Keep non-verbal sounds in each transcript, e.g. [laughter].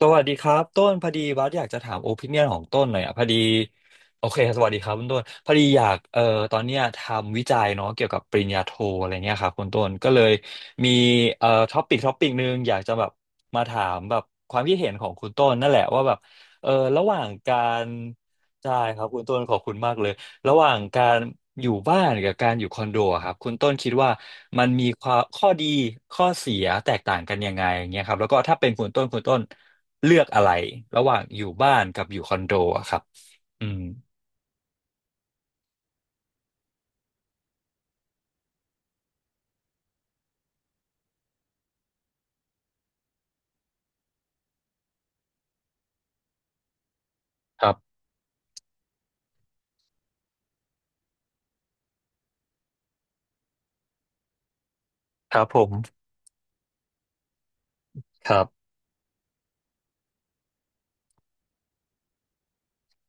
สวัสดีครับต้นพอดีบัสอยากจะถามโอปิเนียนของต้นหน่อยอ่ะพอดีโอเคสวัสดีครับคุณต้นพอดีอยากตอนเนี้ยทำวิจัยเนาะเกี่ยวกับปริญญาโทอะไรเงี้ยครับคุณต้นก็เลยมีท็อปิกนึงอยากจะแบบมาถามแบบความคิดเห็นของคุณต้นนั่นแหละว่าแบบเออระหว่างการใช่ครับคุณต้นขอบคุณมากเลยระหว่างการอยู่บ้านกับการอยู่คอนโดอะครับคุณต้นคิดว่ามันมีข้อดีข้อเสียแตกต่างกันยังไงอย่างเงี้ยครับแล้วก็ถ้าเป็นคุณต้นเลือกอะไรระหว่างอยู่บ้านกับอยู่คอนโดอะครับอืมครับครับผมครับ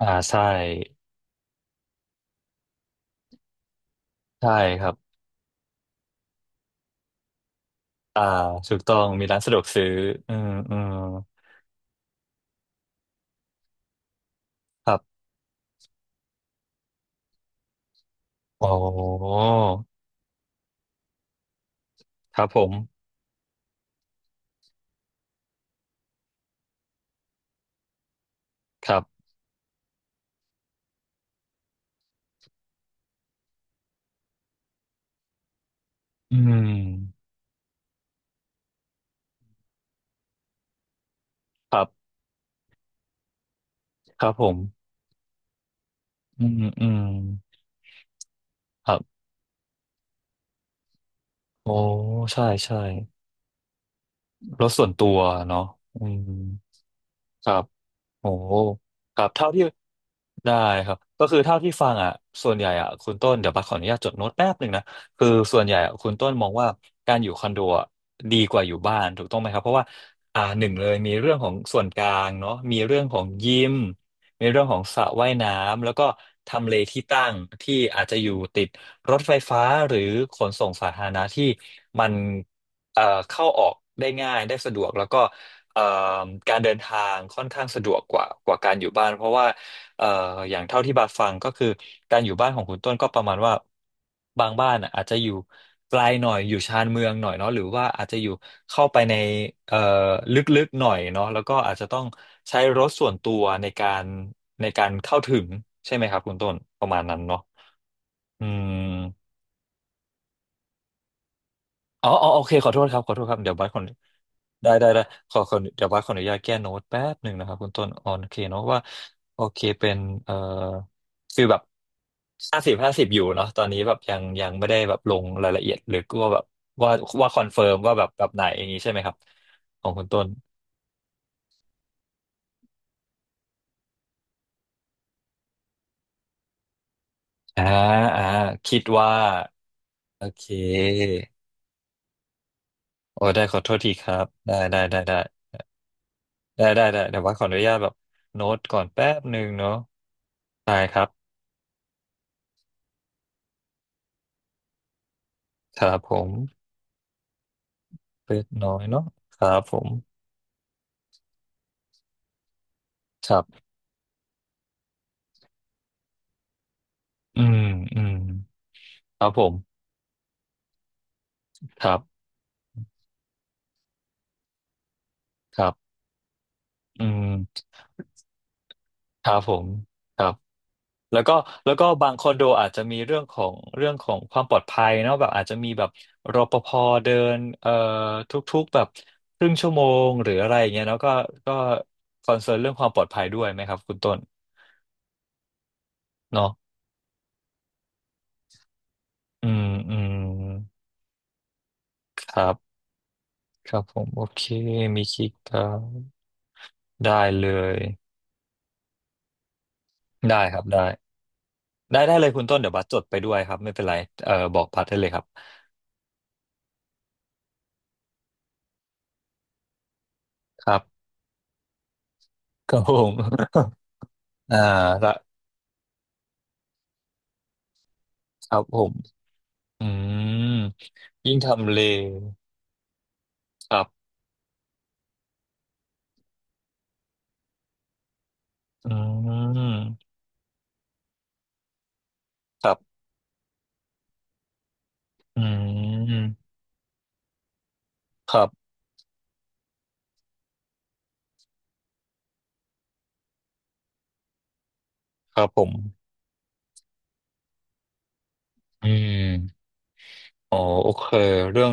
อ่าใช่ ใช่ครับอ่าถูกต้อง มีร้านสะดวกซื้ออืมอืมครับโอ้ครับผมครับอืมครับครับผมอืมอืมครับโอ้ใช่ ใช่รถส่วนตัวเนาะอืมครับ โอ้ครับเท่าที่ได้ครับก็คือเท่าที่ฟังอ่ะส่วนใหญ่อ่ะคุณต้นเดี๋ยวบัสขออนุญาตจดโน้ตแป๊บหนึ่งนะคือส่วนใหญ่อะคุณต้นมองว่าการอยู่คอนโดอะดีกว่าอยู่บ้านถูกต้องไหมครับเพราะว่าอ่าหนึ่งเลยมีเรื่องของส่วนกลางเนาะมีเรื่องของยิมมีเรื่องของสระว่ายน้ำแล้วก็ทำเลที่ตั้งที่อาจจะอยู่ติดรถไฟฟ้าหรือขนส่งสาธารณะที่มันเข้าออกได้ง่ายได้สะดวกแล้วก็ เอ่อการเดินทางค่อนข้างสะดวกกว่าการอยู่บ้านเพราะว่าเอ่ออย่างเท่าที่บาฟังก็คือการอยู่บ้านของคุณต้นก็ประมาณว่าบางบ้านอะอาจจะอยู่ไกลหน่อยอยู่ชานเมืองหน่อยเนาะหรือว่าอาจจะอยู่เข้าไปในเอ่อลึกๆหน่อยเนาะแล้วก็อาจจะต้องใช้รถส่วนตัวในการเข้าถึงใช่ไหมครับคุณต้นประมาณนั้นเนาะอืม อ๋ออ๋อโอเคขอโทษครับขอโทษครับเดี๋ยวบัสขอได้ได้ได้ขอเดี๋ยวบัสขออนุญาตแก้โน้ตแป๊บหนึ่งนะครับคุณต้นอ๋อโอเคเนาะว่าโอเคเป็นเอ่อคือแบบ50/50อยู่เนาะตอนนี้แบบยังยังไม่ได้แบบลงรายละเอียดหรือก็แบบว่าว่าคอนเฟิร์มว่าแบบแบบไหนอย่างนี้ใช่ไหมครับของคุณต้นอ่าอ่าคิดว่าโอเคโอ้ได้ขอโทษทีครับได้ได้ได้ได้ได้ได้ได้เดี๋ยวว่าขออนุญาตแบบโน้ตก่อนแป๊บหนึ่งเนาะได้ครับครับผม เล็กน้อยเนาะครับผมครับอืมอืมครับผมครับครับอืมครับผมครับแล้วก็แล้วก็บางคอนโดอาจจะมีเรื่องของความปลอดภัยเนาะแบบอาจจะมีแบบรปภเดินทุกๆแบบครึ่งชั่วโมงหรืออะไรอย่างเงี้ยเนาะก็ก็คอนเซิร์นเรื่องความปลอดภัยด้วยไหมครับคุณต้นเนาะอืมอืมครับครับผมโอเคมีคิกครับได้เลยได้ครับได้ ได้ได้เลยคุณต้นเดี๋ยวบัสจดไปด้วยครับไม่เป็นไรเออบอกพัดได้เลยครับครับครับผม [laughs] อ่าละครับผมอืมยิ่งทำเลครับอืมครับอืมครับครับผมอืมอ๋อโอเคเรื่อง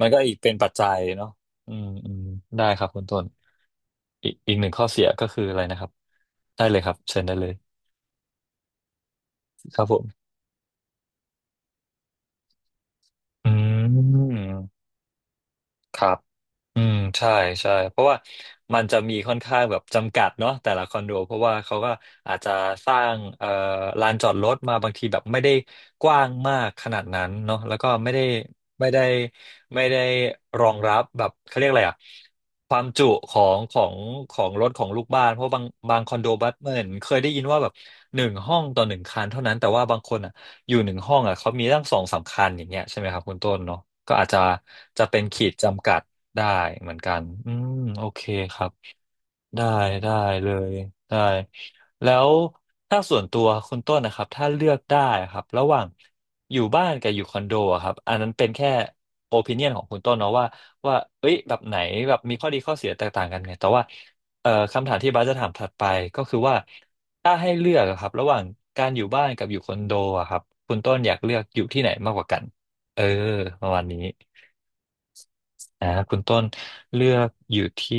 มันก็อีกเป็นปัจจัยเนาะอืมอืมได้ครับคุณต้นอีกหนึ่งข้อเสียก็คืออะไรนะครับได้เลยครับเชิญได้เลยครับผมอืมครับ อืมใช่ใช่เพราะว่ามันจะมีค่อนข้างแบบจำกัดเนาะแต่ละคอนโดเพราะว่าเขาก็อาจจะสร้างลานจอดรถมาบางทีแบบไม่ได้กว้างมากขนาดนั้นเนาะแล้วก็ไม่ได้ไม่ได้รองรับแบบเขาเรียกอะไรอะความจุของรถของลูกบ้านเพราะบางคอนโดบัสเหมือนเคยได้ยินว่าแบบ1 ห้องต่อ 1 คันเท่านั้นแต่ว่าบางคนอ่ะอยู่หนึ่งห้องอ่ะเขามีตั้ง2-3 คันอย่างเงี้ยใช่ไหมครับคุณต้นเนาะก็อาจจะจะเป็นขีดจำกัด ได้เหมือนกันอืมโอเคครับได้ได้เลยได้แล้วถ้าส่วนตัวคุณต้นนะครับถ้าเลือกได้ครับระหว่างอยู่บ้านกับอยู่คอนโดอะครับอันนั้นเป็นแค่โอปิเนียนของคุณต้นเนาะว่าเอ้ยแบบไหนแบบมีข้อดีข้อเสียแตกต่างกันไงแต่ว่าคำถามที่บาสจะถามถัดไปก็คือว่าถ้าให้เลือกอะครับระหว่างการอยู่บ้านกับอยู่คอนโดอะครับคุณต้นอยากเลือกอยู่ที่ไหนมากกว่ากันเออประมาณนี้ อ่าคุณต้นเลือกอยู่ที่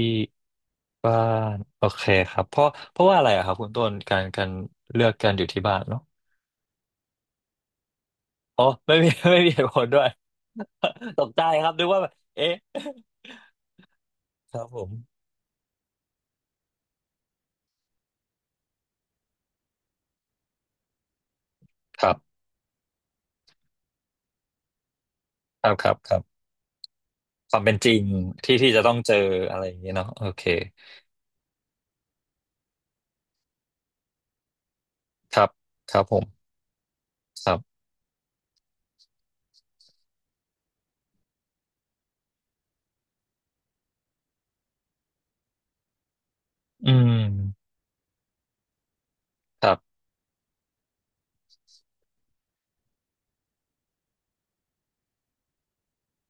บ้านโอเคครับเพราะว่าอะไรอะครับคุณต้นการเลือกการอยู่ที่บ้านเนาะอ๋อไม่มี [laughs] ไม่มีเหตุผลด้วย [laughs] ตกใจครับนึกว่าแบบเอ๊ะครับผมครับครับครับครับความเป็นจริงที่จะต้องเจออะไรอย่างเงี้ยเนาะโอเคครับครับผมครับอืมครับ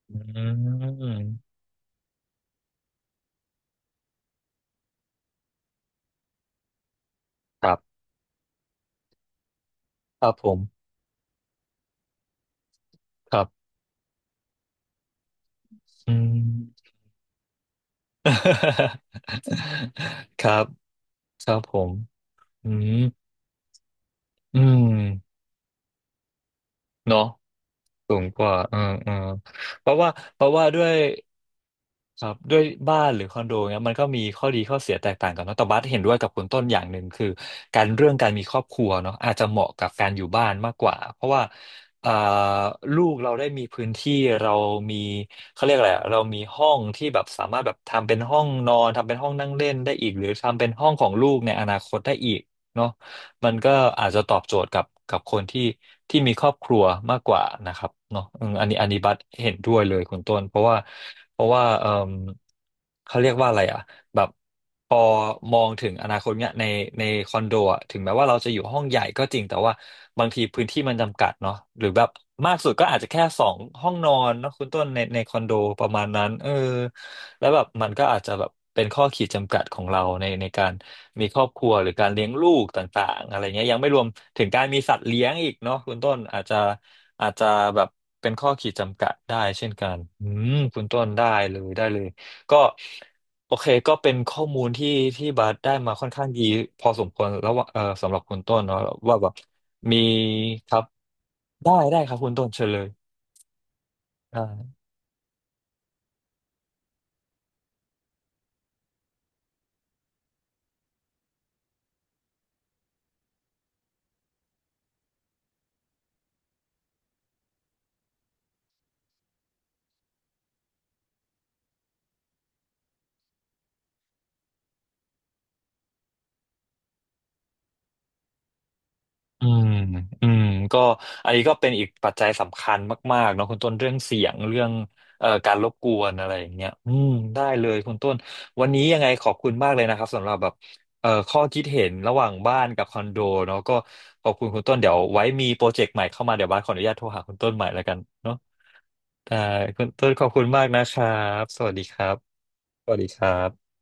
อืมครับครับผมครับอืม [laughs] ครับ ครับผมอืมอืมเนาะสูงกว่าเออเออเพราะว่าเพราะว่าด้วยครับด้วยบ้านหรือคอนโดเนี่ยมันก็มีข้อดีข้อเสียแตกต่างกันเนอะแต่บัสเห็นด้วยกับคุณต้นอย่างหนึ่งคือการเรื่องการมีครอบครัวเนาะอาจจะเหมาะกับการอยู่บ้านมากกว่าเพราะว่าเอ่อลูกเราได้มีพื้นที่เรามีเขาเรียกอะไรอะเรามีห้องที่แบบสามารถแบบทำเป็นห้องนอนทำเป็นห้องนั่งเล่นได้อีกหรือทำเป็นห้องของลูกในอนาคตได้อีกเนาะ มันก็อาจจะตอบโจทย์กับคนที่มีครอบครัวมากกว่านะครับเนาะอืมอันนี้บัสเห็นด้วยเลยคุณต้นเพราะว่าเพราะว่าเอมเขาเรียกว่าอะไรอ่ะแบบพอมองถึงอนาคตเนี่ยในคอนโดอะถึงแม้ว่าเราจะอยู่ห้องใหญ่ก็จริงแต่ว่าบางทีพื้นที่มันจำกัดเนาะหรือแบบมากสุดก็อาจจะแค่สองห้องนอนเนาะคุณต้นในคอนโดประมาณนั้นเออ แล้วแบบมันก็อาจจะแบบเป็นข้อขีดจำกัดของเราในการมีครอบครัวหรือการเลี้ยงลูกต่างๆอะไรเงี้ยยังไม่รวมถึงการมีสัตว์เลี้ยงอีกเนาะคุณต้นอาจจะแบบเป็นข้อขีดจำกัดได้เช่นกันอืมคุณต้นได้เลยได้เลยก็โอเคก็เป็นข้อมูลที่บาสได้มาค่อนข้างดีพอสมควรแล้วว่าเออสำหรับคุณต้นเนาะว่าแบบมีครับได้ได้ครับคุณต้นเชิญเลย อืม อืมก็อันนี้ก็เป็นอีกปัจจัยสำคัญมากๆเนาะคุณต้นเรื่องเสียงเรื่องการรบกวนอะไรอย่างเงี้ยอืมได้เลยคุณต้นวันนี้ยังไงขอบคุณมากเลยนะครับสำหรับแบบข้อคิดเห็นระหว่างบ้านกับคอนโดเนาะก็ขอบคุณคุณต้นเดี๋ยวไว้มีโปรเจกต์ใหม่เข้ามาเดี๋ยวบ้านขออนุญาตโทรหาคุณต้นใหม่แล้วกันเนาะได้คุณต้นขอบคุณมากนะครับสวัสดีครับสวัสดีครับ